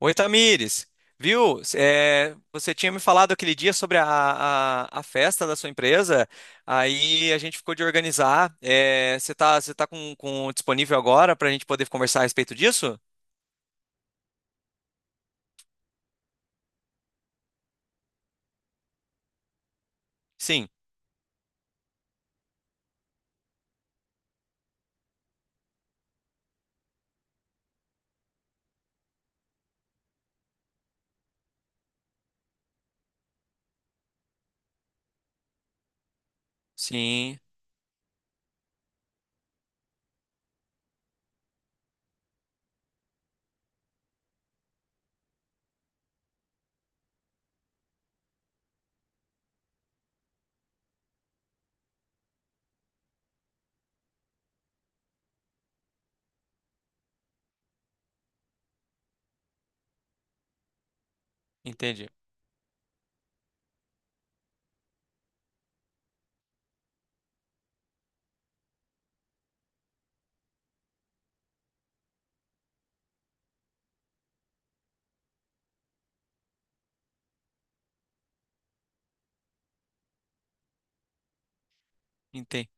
Oi, Tamires. Viu? Você tinha me falado aquele dia sobre a festa da sua empresa, aí a gente ficou de organizar. Você tá com disponível agora para a gente poder conversar a respeito disso? Sim, sim, entendi. Entendi.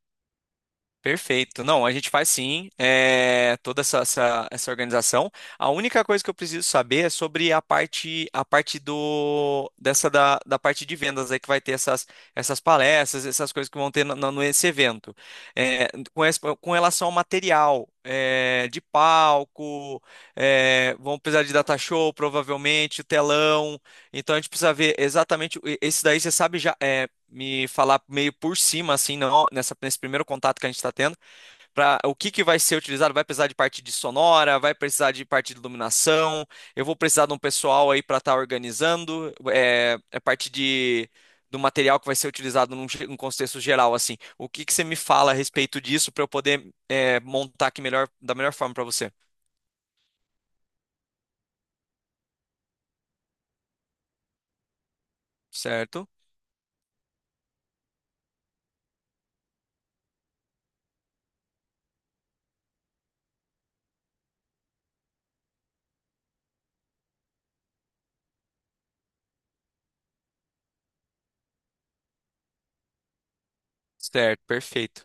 Perfeito. Não, a gente faz sim, toda essa organização. A única coisa que eu preciso saber é sobre a parte do dessa da, da parte de vendas aí que vai ter essas palestras, essas coisas que vão ter no nesse evento. É, com, com relação ao material de palco, vão precisar de data show, provavelmente, o telão. Então a gente precisa ver exatamente esse daí você sabe já. Me falar meio por cima, assim, não, nesse primeiro contato que a gente está tendo, para o que que vai ser utilizado? Vai precisar de parte de sonora, vai precisar de parte de iluminação, eu vou precisar de um pessoal aí para estar organizando, é parte de do material que vai ser utilizado num, num contexto geral, assim. O que que você me fala a respeito disso para eu poder montar aqui melhor, da melhor forma para você? Certo? Certo, perfeito.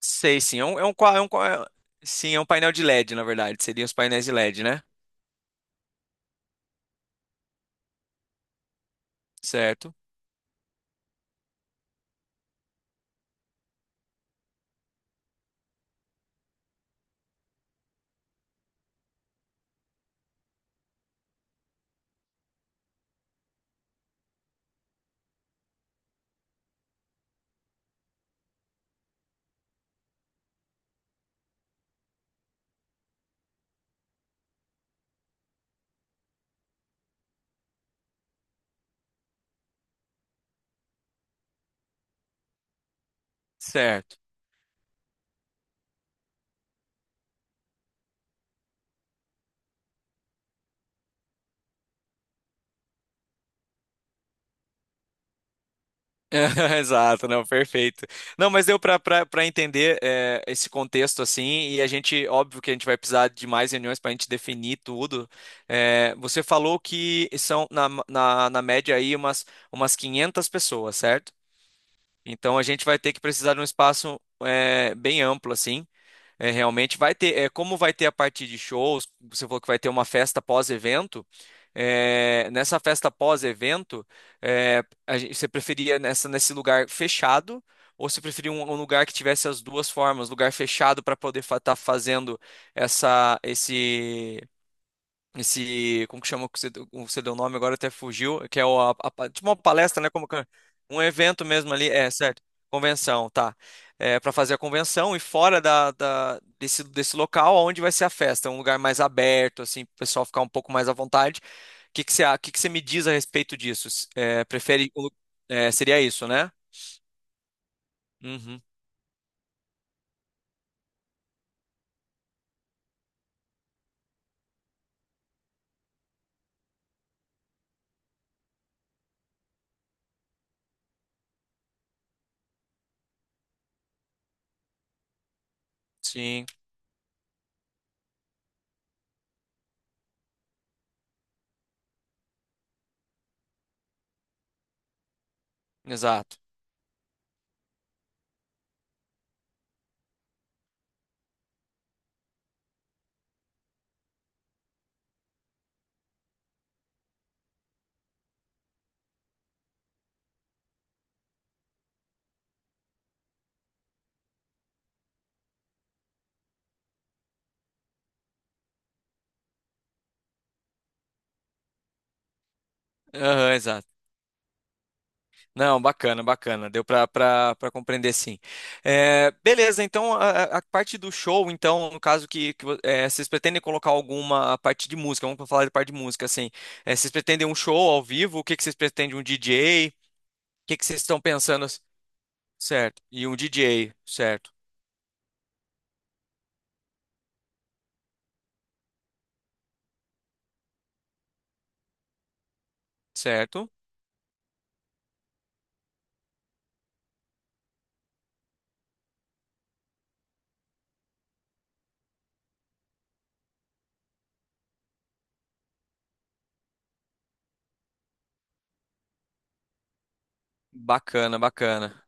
Sei, sim, é um, qua- é um qua- é, sim, é um painel de LED, na verdade, seriam os painéis de LED, né? Certo. Certo. Exato, não, perfeito. Não, mas deu para para entender esse contexto assim, e a gente, óbvio que a gente vai precisar de mais reuniões para a gente definir tudo. É, você falou que são na média aí umas 500 pessoas, certo? Então a gente vai ter que precisar de um espaço bem amplo assim. É, realmente vai ter, é, como vai ter a partir de shows, você falou que vai ter uma festa pós-evento. Nessa festa pós-evento, você preferia nesse lugar fechado ou você preferia um, um lugar que tivesse as duas formas, lugar fechado para poder estar fazendo esse esse, como que chama o que você, o que você deu o nome agora até fugiu, que é o, a, tipo uma palestra, né, como que é? Um evento mesmo ali, é, certo, convenção, tá, é, para fazer a convenção e fora da desse, desse local onde vai ser a festa, um lugar mais aberto, assim, pro pessoal ficar um pouco mais à vontade, o que que você, que você me diz a respeito disso? É, prefere, é, seria isso, né? Uhum, sim, exato. Aham, exato. Não, bacana, bacana. Deu para para compreender sim. É, beleza, então a parte do show, então, no caso que, é, vocês pretendem colocar alguma parte de música, vamos falar de parte de música, assim. É, vocês pretendem um show ao vivo? O que, que vocês pretendem? Um DJ? O que, que vocês estão pensando? Certo. E um DJ, certo, certo. Bacana, bacana.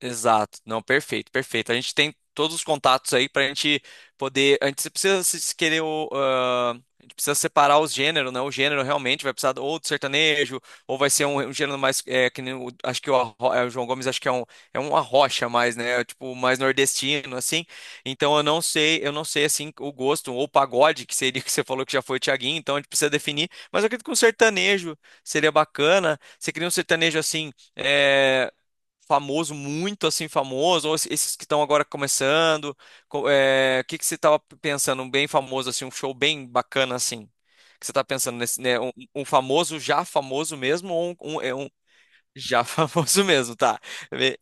Exato. Não, perfeito, perfeito. A gente tem todos os contatos aí pra gente poder. A gente precisa se se querer o. A gente precisa separar os gêneros, né? O gênero realmente vai precisar ou do sertanejo, ou vai ser um, um gênero mais. É, que nem acho que o, é, o João Gomes acho que é um arrocha mais, né? Tipo, mais nordestino, assim. Então eu não sei assim o gosto, ou pagode, que seria que você falou que já foi o Thiaguinho, então a gente precisa definir. Mas eu acredito que um sertanejo seria bacana. Você cria um sertanejo assim. Famoso, muito assim famoso, ou esses que estão agora começando? O que que você estava pensando, um bem famoso assim, um show bem bacana assim? O que você está pensando nesse, né, um famoso já famoso mesmo ou um, é um já famoso mesmo, tá? Be-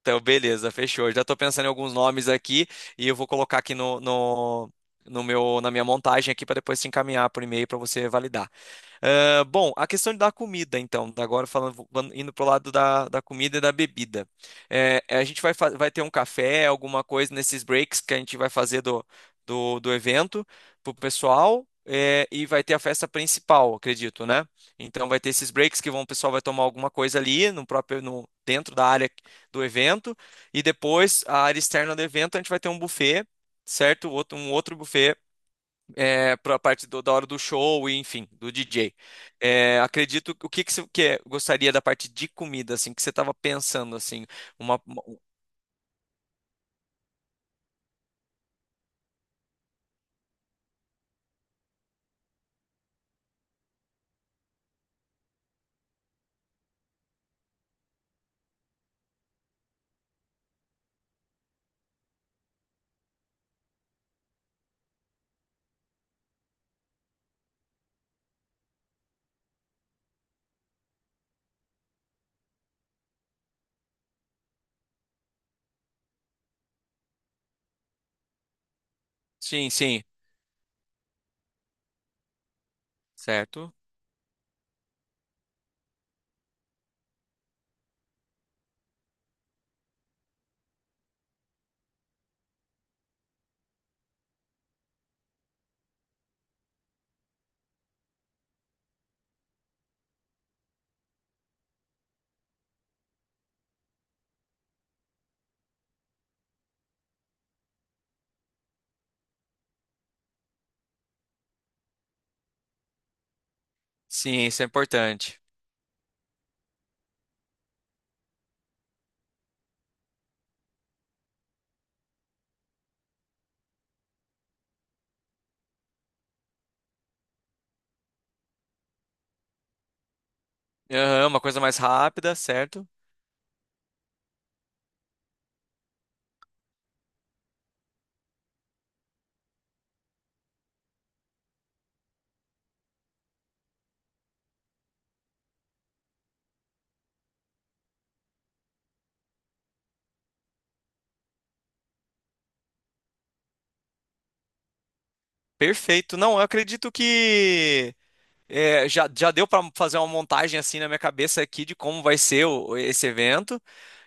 Então, beleza, fechou. Eu já estou pensando em alguns nomes aqui e eu vou colocar aqui no meu, na minha montagem aqui para depois te encaminhar por e-mail para você validar. Ah, bom, a questão da comida, então, agora falando, indo pro lado da, da comida e da bebida. É, a gente vai, vai ter um café, alguma coisa nesses breaks que a gente vai fazer do evento pro pessoal, é, e vai ter a festa principal, acredito, né? Então vai ter esses breaks que vão, o pessoal vai tomar alguma coisa ali no próprio, no, dentro da área do evento, e depois a área externa do evento a gente vai ter um buffet, certo? Outro, um outro buffet para a parte da hora do show e enfim, do DJ. É, acredito, o que que você gostaria da parte de comida, assim, que você estava pensando, assim, uma, uma- sim, sim, certo? Sim, isso é importante. Aham, uma coisa mais rápida, certo? Perfeito. Não, eu acredito que é, já, já deu para fazer uma montagem assim na minha cabeça aqui de como vai ser esse evento.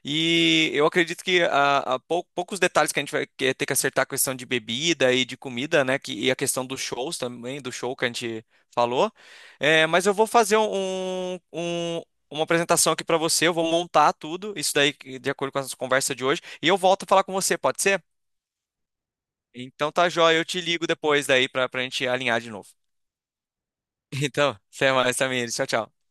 E eu acredito que poucos detalhes que a gente ter que acertar a questão de bebida e de comida, né? Que, e a questão dos shows também, do show que a gente falou. É, mas eu vou fazer um, uma apresentação aqui para você, eu vou montar tudo, isso daí de acordo com a nossa conversa de hoje, e eu volto a falar com você, pode ser? Então tá, joia, eu te ligo depois daí para a gente alinhar de novo. Então, até mais, Samir. Tchau, tchau.